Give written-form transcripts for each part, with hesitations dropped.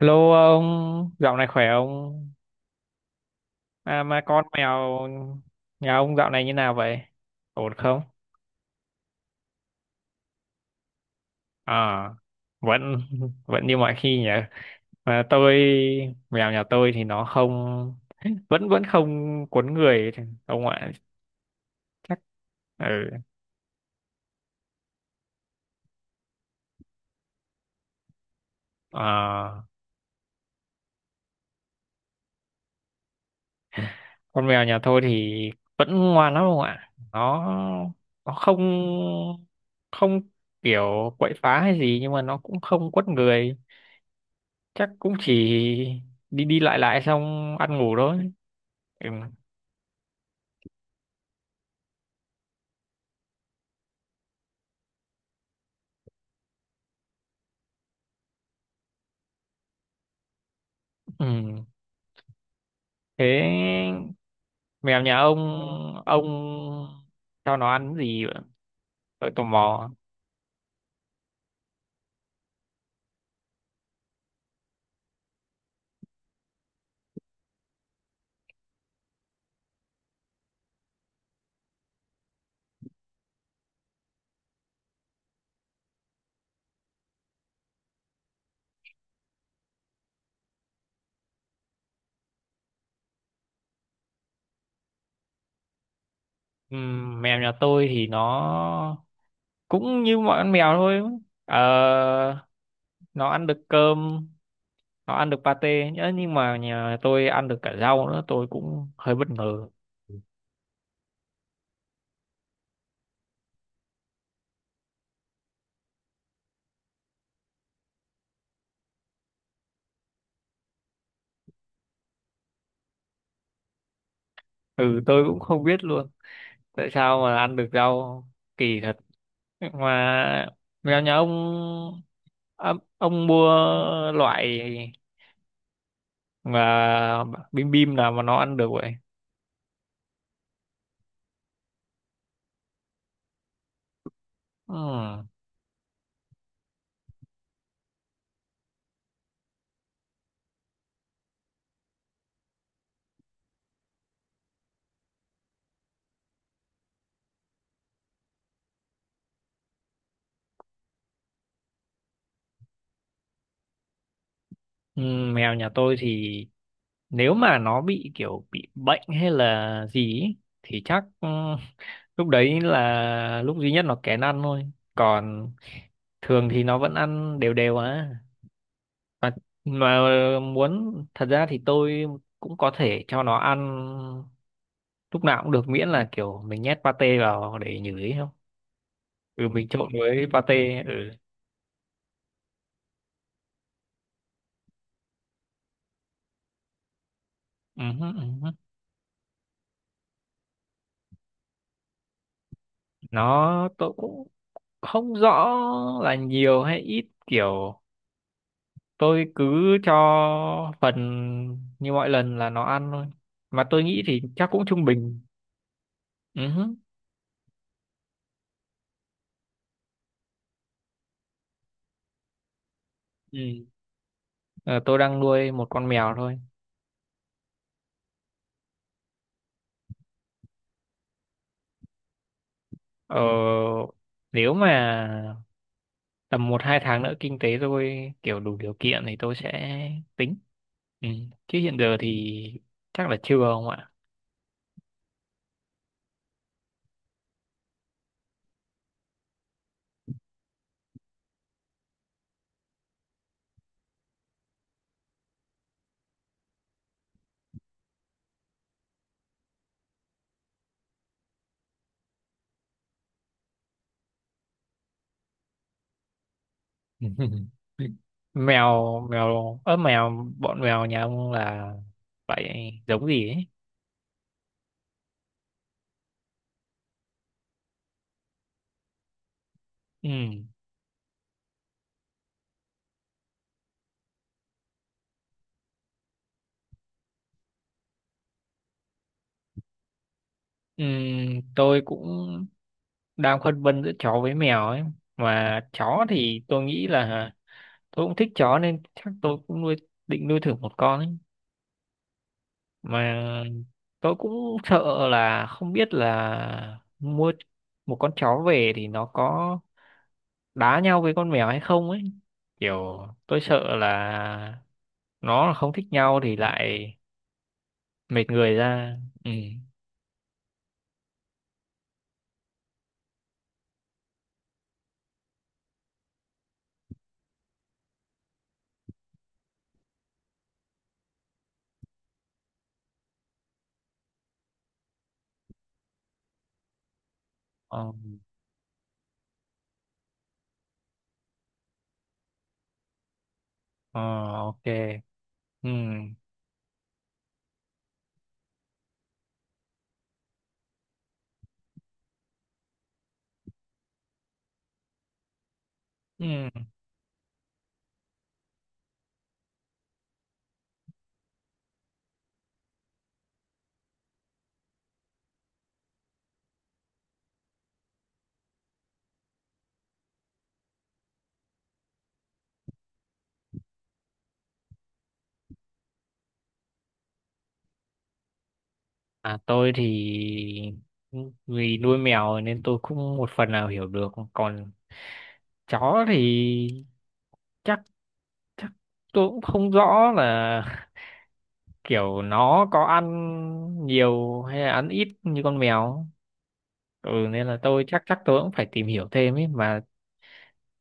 Hello ông, dạo này khỏe không? À mà con mèo nhà ông dạo này như nào vậy? Ổn không? À, vẫn vẫn như mọi khi nhỉ. Mà mèo nhà tôi thì nó không vẫn vẫn không quấn người ông ạ. Chắc, ừ. À, con mèo nhà tôi thì vẫn ngoan lắm ông ạ. Nó không không kiểu quậy phá hay gì, nhưng mà nó cũng không quấn người. Chắc cũng chỉ đi đi lại lại xong ăn ngủ thôi, ừ. Ừ, thế mèo nhà ông cho nó ăn gì vậy? Tôi tò mò, ừ. Mèo nhà tôi thì nó cũng như mọi con mèo thôi. ờ, nó ăn được cơm, nó ăn được pate nhớ, nhưng mà nhà tôi ăn được cả rau nữa, tôi cũng hơi bất ngờ. Ừ, tôi cũng không biết luôn tại sao mà ăn được rau, kỳ thật. Mà mèo nhà ông, ông mua loại mà bim bim nào mà nó ăn được vậy? Ừm, mèo nhà tôi thì nếu mà nó bị kiểu bị bệnh hay là gì ý, thì chắc, lúc đấy là lúc duy nhất nó kén ăn thôi, còn thường thì nó vẫn ăn đều đều á. Mà, mà muốn, thật ra thì tôi cũng có thể cho nó ăn lúc nào cũng được, miễn là kiểu mình nhét pate vào để nhử ấy không, ừ mình trộn với pate, ừ. Ừ hứ, ừ hứ. Nó, tôi cũng không rõ là nhiều hay ít, kiểu tôi cứ cho phần như mọi lần là nó ăn thôi, mà tôi nghĩ thì chắc cũng trung bình, ừ hứ. Ừ. Ờ, tôi đang nuôi một con mèo thôi. Ờ, nếu mà tầm một hai tháng nữa kinh tế tôi kiểu đủ điều kiện thì tôi sẽ tính, ừ. Chứ hiện giờ thì chắc là chưa không ạ. mèo mèo ớ mèo bọn mèo nhà ông là vậy giống gì ấy? Ừ. Ừ, tôi cũng đang phân vân giữa chó với mèo ấy. Mà chó thì tôi nghĩ là tôi cũng thích chó, nên chắc tôi cũng nuôi định nuôi thử một con ấy. Mà tôi cũng sợ là không biết là mua một con chó về thì nó có đá nhau với con mèo hay không ấy, kiểu tôi sợ là nó là không thích nhau thì lại mệt người ra, ừ. Ờ, ờ, ok, ừ, ừ. À tôi thì vì nuôi mèo nên tôi cũng một phần nào hiểu được, còn chó thì chắc chắc tôi cũng không rõ là kiểu nó có ăn nhiều hay là ăn ít như con mèo, ừ nên là tôi chắc chắc tôi cũng phải tìm hiểu thêm ấy mà.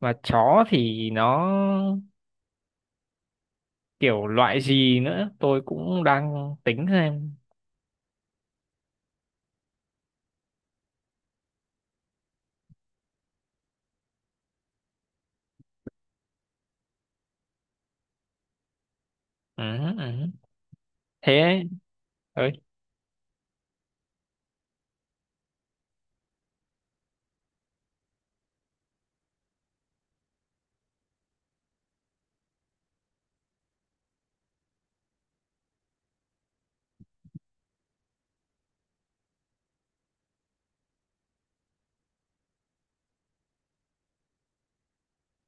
Mà chó thì nó kiểu loại gì nữa tôi cũng đang tính xem, ừ, ừ. Thế ấy. Ơi,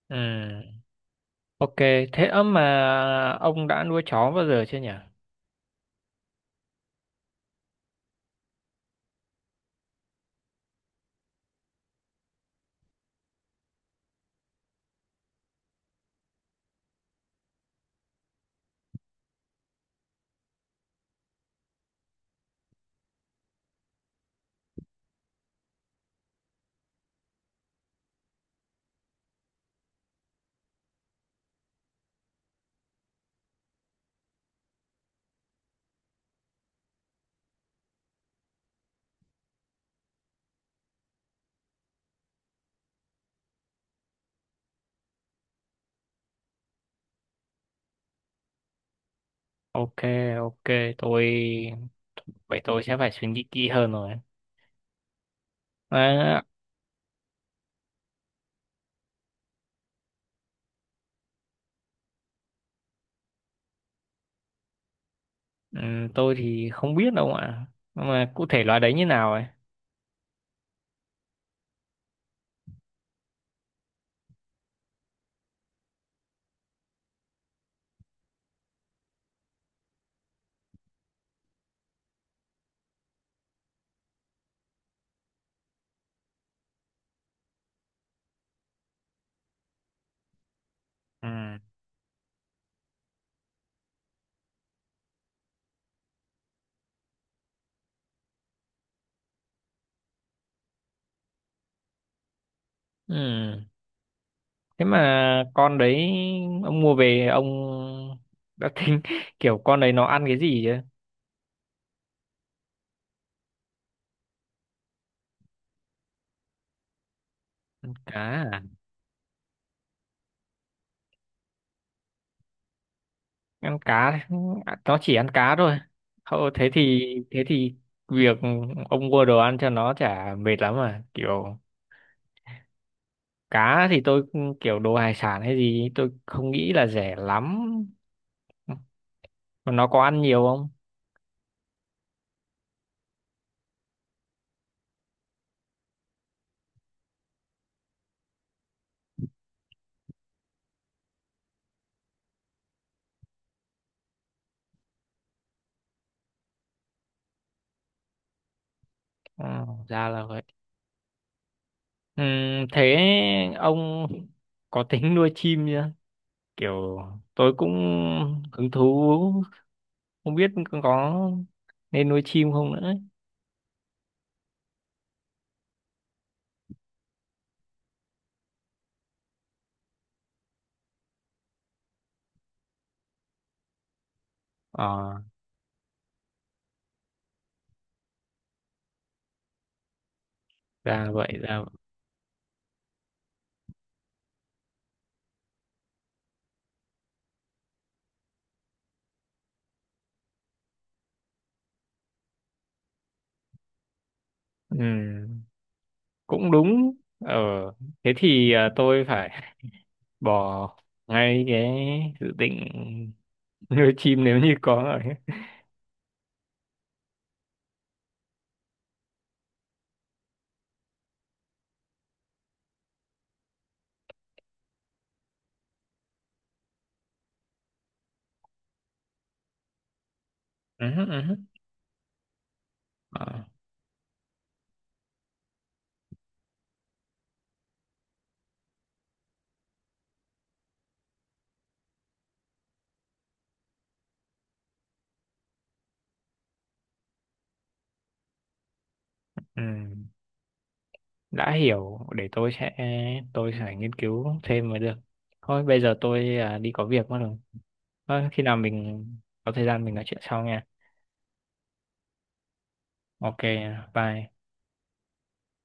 ừ. Ok, thế ấm mà ông đã nuôi chó bao giờ chưa nhỉ? Ok, ok, tôi vậy tôi sẽ phải suy nghĩ kỹ hơn rồi. À, ừ, tôi thì không biết đâu ạ, nhưng mà cụ thể loài đấy như nào ấy? Ừ. Ừ. Thế mà con đấy ông mua về, ông đã tính kiểu con đấy nó ăn cái gì chứ? Cá à? Ăn cá, nó chỉ ăn cá thôi. Thôi thế thì việc ông mua đồ ăn cho nó chả mệt lắm à? Kiểu cá thì tôi kiểu đồ hải sản hay gì tôi không nghĩ là rẻ lắm. Mà nó có ăn nhiều không? Ừ, ra là vậy. Ừ, thế ông có tính nuôi chim chưa? Kiểu tôi cũng hứng thú, không biết có nên nuôi chim không nữa ấy. Ờ, ra vậy, ra vậy. Ừ, cũng đúng. Ờ thế thì, tôi phải bỏ ngay cái dự định nuôi chim nếu như có rồi. Ừ, ừ, ờ, ừ, đã hiểu, để tôi sẽ nghiên cứu thêm mới được. Thôi bây giờ tôi đi có việc mất rồi. Thôi khi nào mình có thời gian mình nói chuyện sau nha. Ok, bye.